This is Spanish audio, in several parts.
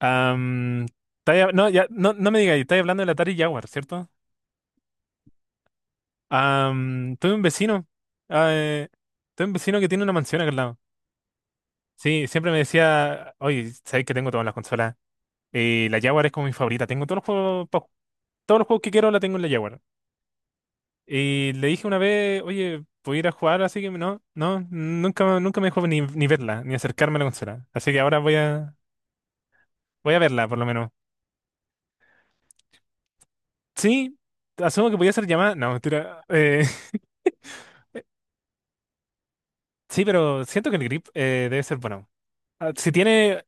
Am, Estáis no, ya, no, no me digáis, estáis hablando del Atari Jaguar, ¿cierto? Am, eh, tuve un vecino que tiene una mansión acá al lado. Sí, siempre me decía, oye, sabéis que tengo todas las consolas. Y la Jaguar es como mi favorita. Tengo todos los juegos, todos los juegos que quiero la tengo en la Jaguar. Y le dije una vez, oye, ¿puedo ir a jugar? Así que no, no, nunca, nunca me dejó ni verla, ni acercarme a la consola. Así que ahora voy a verla, por lo menos. Sí, asumo que podía ser llamada. No, mentira. Sí, pero siento que el grip debe ser bueno. Ah, si tiene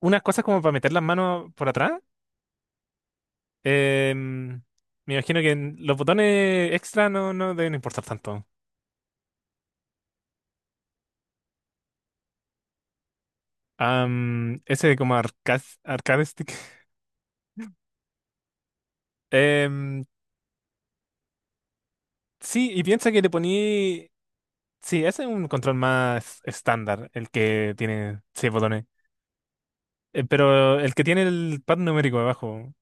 unas cosas como para meter las manos por atrás, em, me imagino que los botones extra no deben importar tanto. Ese como arcade stick. Em, sí, y piensa que le poní. Sí, ese es un control más estándar, el que tiene seis botones. Pero el que tiene el pad numérico abajo.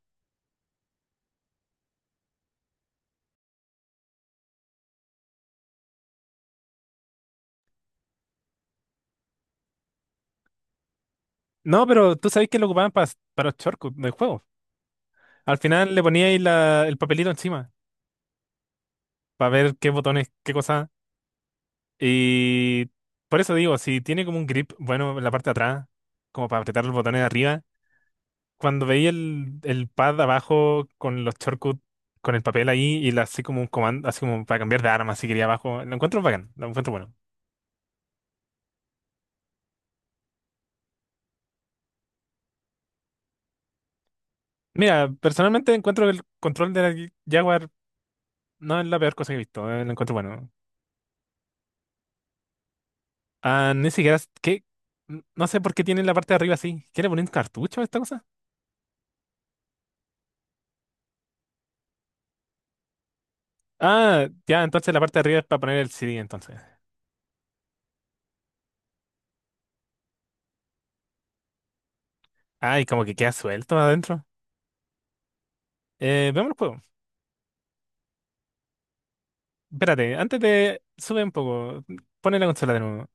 No, pero tú sabes que lo ocupaban para los shortcuts del juego. Al final le ponía ahí el papelito encima. Para ver qué botones, qué cosa. Y por eso digo, si tiene como un grip bueno en la parte de atrás, como para apretar los botones de arriba, cuando veía el pad abajo con los shortcuts, con el papel ahí y así como un comando, así como para cambiar de arma, si quería abajo, lo encuentro bacán, lo encuentro bueno. Mira, personalmente encuentro que el control de la Jaguar no es la peor cosa que he visto, lo encuentro bueno. Ah, ni siquiera, ¿qué? No sé por qué tiene la parte de arriba así. ¿Quiere poner un cartucho a esta cosa? Ah, ya, entonces la parte de arriba es para poner el CD, entonces. Ay, como que queda suelto adentro. Veamos el juego. Espérate, antes de. Sube un poco. Pone la consola de nuevo.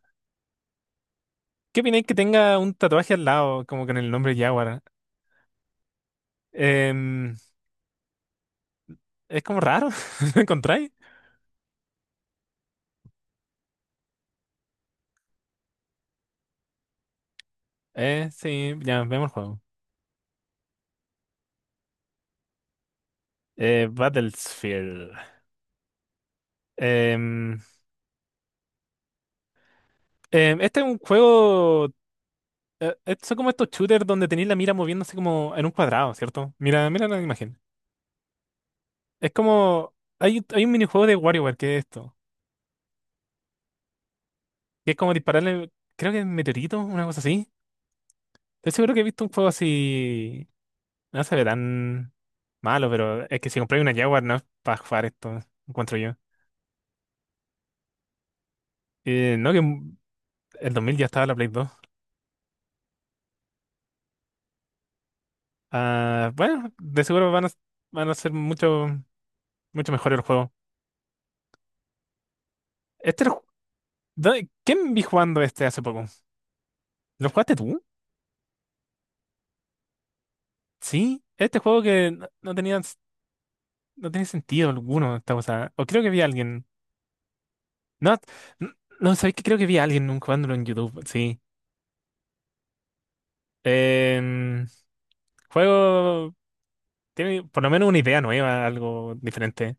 ¿Qué opináis que tenga un tatuaje al lado, como con el nombre Jaguar? Em, es como raro. ¿Lo encontráis? Sí, ya, veamos el juego. Battlefield. Em, este es un juego. Son como estos shooters donde tenéis la mira moviéndose como en un cuadrado, ¿cierto? Mira, mira la imagen. Es como. Hay un minijuego de WarioWare que es esto. Que es como dispararle, creo que meteorito, una cosa así. Estoy seguro que he visto un juego así, no se ve tan malo, pero es que si compráis una Jaguar no es para jugar esto, encuentro yo. No, el 2000 ya estaba la Play 2. Ah, bueno, de seguro van a ser mucho, mucho mejores los juegos. Este, lo ju- ¿Quién vi jugando este hace poco? ¿Lo jugaste tú? Sí, este juego que no tenía, no tenía sentido alguno, esta cosa. O creo que vi a alguien. No, n- no, sabéis que creo que vi a alguien jugándolo en YouTube, sí. Em, Juego tiene por lo menos una idea nueva, algo diferente.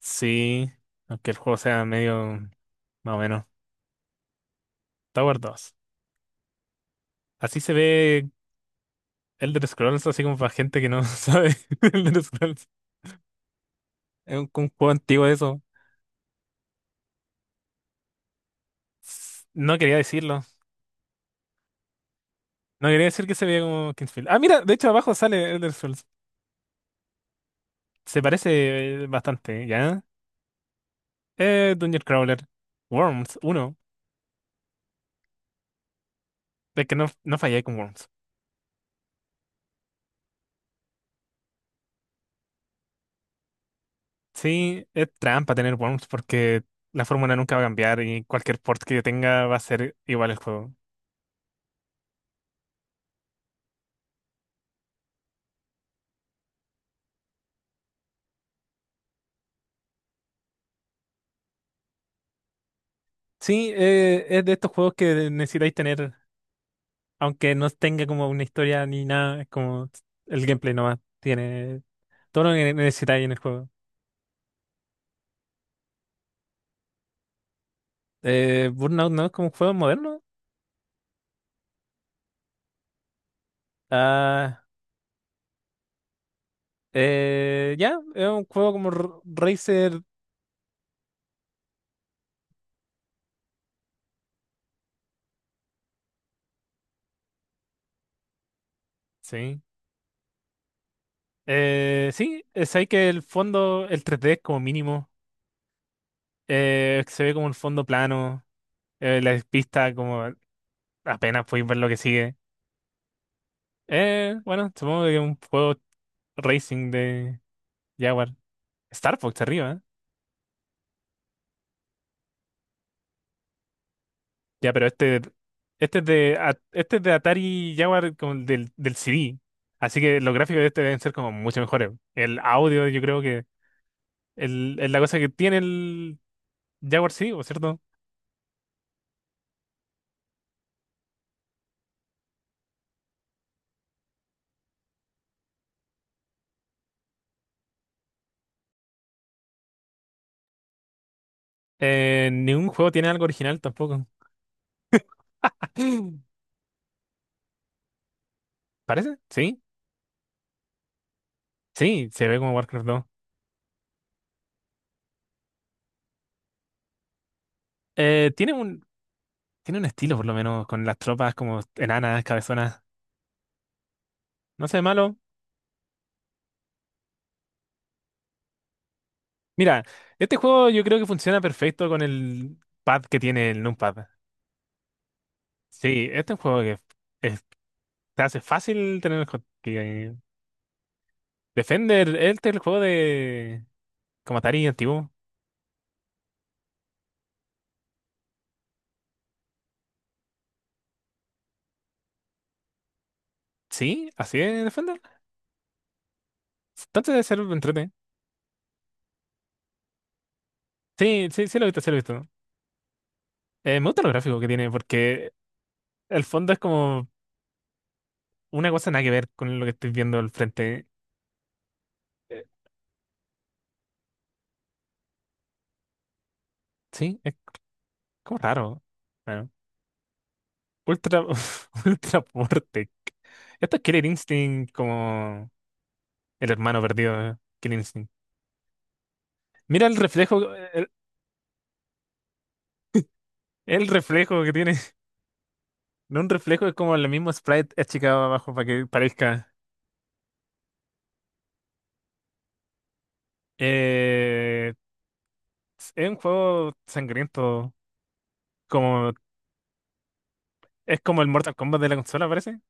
Sí, aunque el juego sea medio más o menos. Tower 2. Así se ve Elder Scrolls, así como para gente que no sabe de Elder Scrolls. Es un juego antiguo de eso. No quería decirlo. No quería decir que se veía como Kingsfield. Ah, mira, de hecho abajo sale Elder Scrolls. Se parece bastante, ¿ya? Dungeon Crawler. Worms 1. Es que no fallé con Worms. Sí, es trampa tener worms porque la fórmula nunca va a cambiar y cualquier port que yo tenga va a ser igual el juego. Sí, es de estos juegos que necesitáis tener, aunque no tenga como una historia ni nada, es como el gameplay nomás tiene todo lo que necesitáis en el juego. Burnout no es como un juego moderno. Ah, ya, es un juego como Racer. Sí. Sí, es ahí que el fondo, el 3D es como mínimo. Se ve como un fondo plano. La pista como apenas puedes ver lo que sigue. Bueno, supongo que un juego racing de Jaguar. Star Fox arriba, ¿eh? Ya, pero este es de Atari Jaguar como el del CD. Así que los gráficos de este deben ser como mucho mejores. El audio, yo creo que es la cosa que tiene el Jaguar CD, ¿por cierto? Ningún juego tiene algo original tampoco. ¿Parece? Sí, sí, se ve como Warcraft 2. Eh, tiene un, Tiene un estilo, por lo menos, con las tropas como enanas, cabezonas. No sé, malo. Mira, este juego yo creo que funciona perfecto con el pad que tiene el numpad. Sí, este es un juego que es- te hace fácil tener el co- Defender, este es el juego de como Atari antiguo. Sí, así es Defender. Entonces debe ser entrete. Sí, sí, sí lo he visto, sí lo he visto. Me gusta los gráficos que tiene porque el fondo es como una cosa nada que ver con lo que estoy viendo al frente. Eh, Sí, es como raro. Bueno. Ultra, Ultra Portec. Esto es Killer Instinct como el hermano perdido de Killer Instinct. Mira el reflejo, el reflejo que tiene. No un reflejo, es como el mismo sprite achicado abajo para que parezca. Eh, es un juego sangriento. Como, es como el Mortal Kombat de la consola, parece.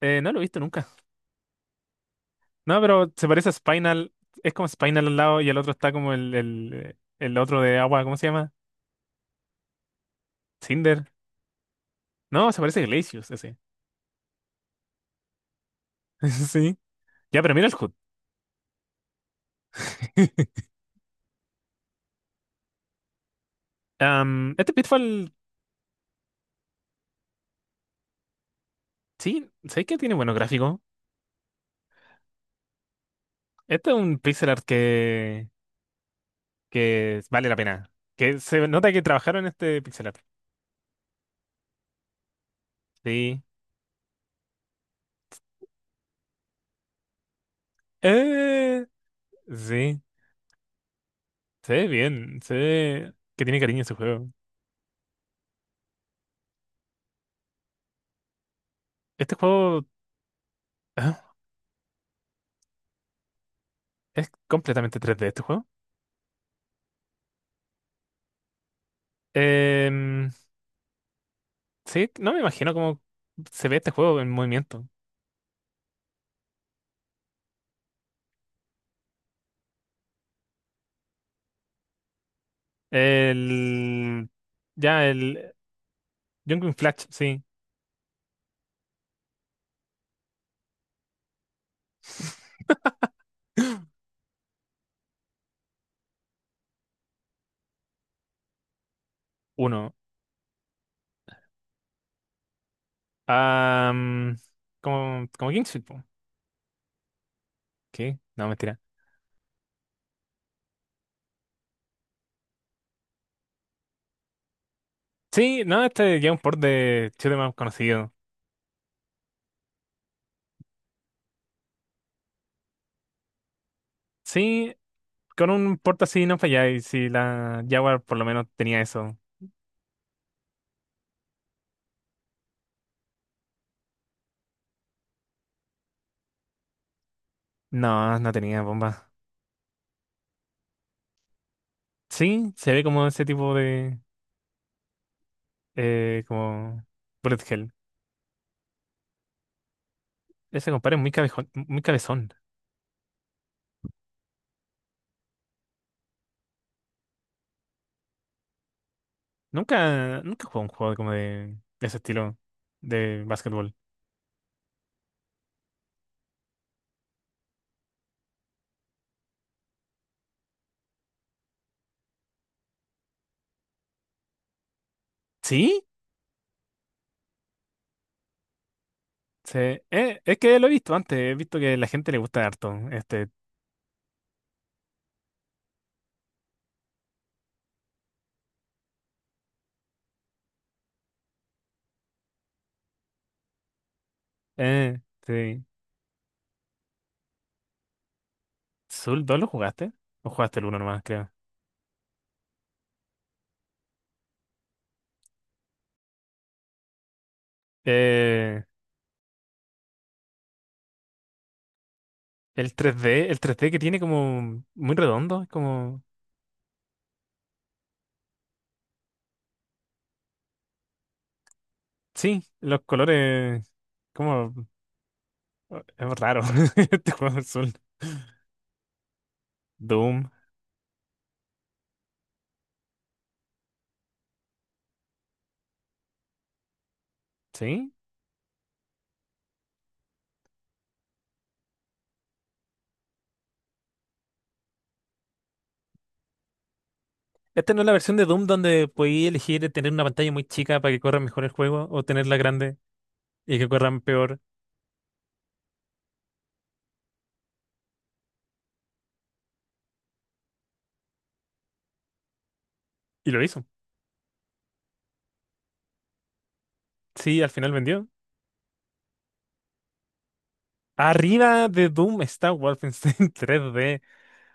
No lo he visto nunca. No, pero se parece a Spinal. Es como Spinal al lado y el otro está como el otro de agua, ¿cómo se llama? Cinder. No, se parece a Glacius ese. Sí. Ya, pero mira el HUD. Este Pitfall, sí, sé que tiene buenos gráficos. Este es un pixel art que vale la pena. Que se nota que trabajaron en este pixel art. Sí. Eh, sí, se ve bien, se ve que tiene cariño ese juego. Este juego ah, es completamente 3D, este juego. Em, sí, no me imagino cómo se ve este juego en movimiento. El, ya, el Jungle Flash, sí, uno. Am, como, Kingsfield, po. ¿Qué? No, mentira. Sí, no, este ya es un port de Chile más conocido. Sí, con un port así no falláis. Si la Jaguar por lo menos tenía eso. No, no tenía bomba. Sí, se ve como ese tipo de. Como. Bullet Hell. Ese compadre es muy cabezón, muy cabezón. Nunca, nunca jugó un juego como de ese estilo de básquetbol. ¿Sí? Sí, es que lo he visto antes, he visto que a la gente le gusta harto este. Eh, sí. ¿Soul 2 lo jugaste? ¿O jugaste el uno nomás, creo? Eh, el 3D, el 3D que tiene como muy redondo, es como. Sí, los colores. Como. Oh, es raro. Este juego es Soul. Doom, ¿sí? Esta no es la versión de Doom donde podía elegir tener una pantalla muy chica para que corra mejor el juego o tenerla grande y que corran peor. Y lo hizo. Sí, al final vendió. Arriba de Doom está Wolfenstein 3D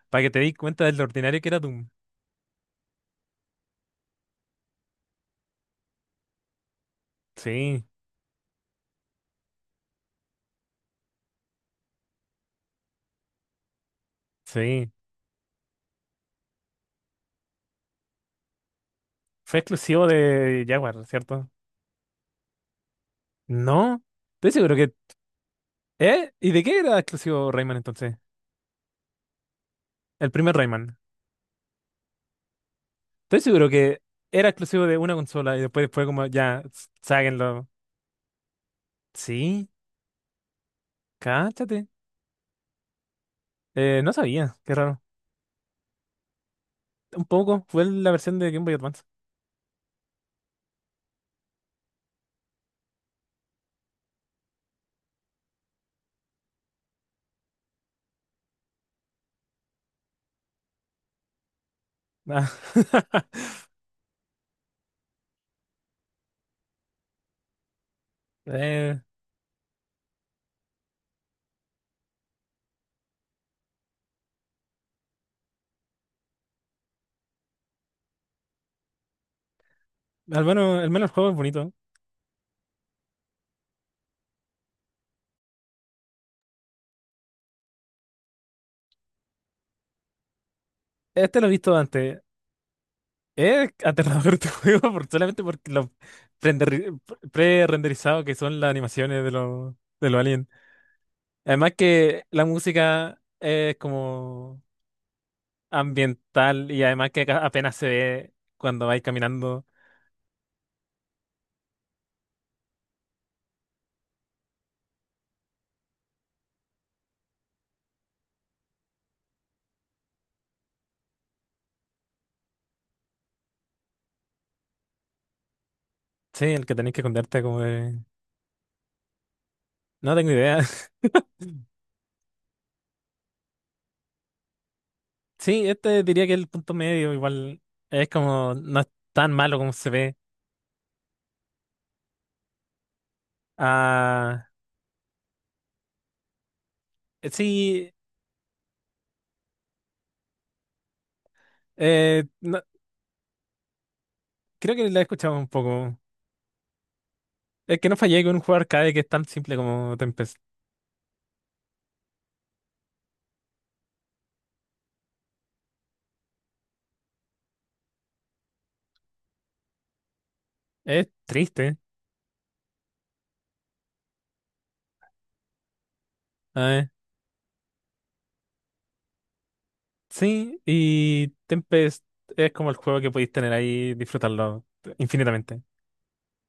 para que te des cuenta de lo ordinario que era Doom. Sí, sí, fue exclusivo de Jaguar, ¿cierto? No, estoy seguro que. ¿Eh? ¿Y de qué era exclusivo Rayman entonces? El primer Rayman. Estoy seguro que era exclusivo de una consola y después fue como, ya, sáquenlo. Sí, cáchate. No sabía, qué raro. Un poco, fue la versión de Game Boy Advance. Ah. Eh, Al menos, al menos el juego es bonito. Este lo he visto antes. Es aterrador tu juego por, solamente por lo prender- pre-renderizado que son las animaciones de los aliens. Además que la música es como ambiental y además que apenas se ve cuando vais caminando. Sí, el que tenéis que esconderte como de. No tengo idea. Sí, este diría que es el punto medio igual es como no es tan malo como se ve. Ah, sí, eh, no- creo que la he escuchado un poco. Es que no fallé con un juego arcade que es tan simple como Tempest. Es triste. A ver. Sí, y Tempest es como el juego que podéis tener ahí, disfrutarlo infinitamente.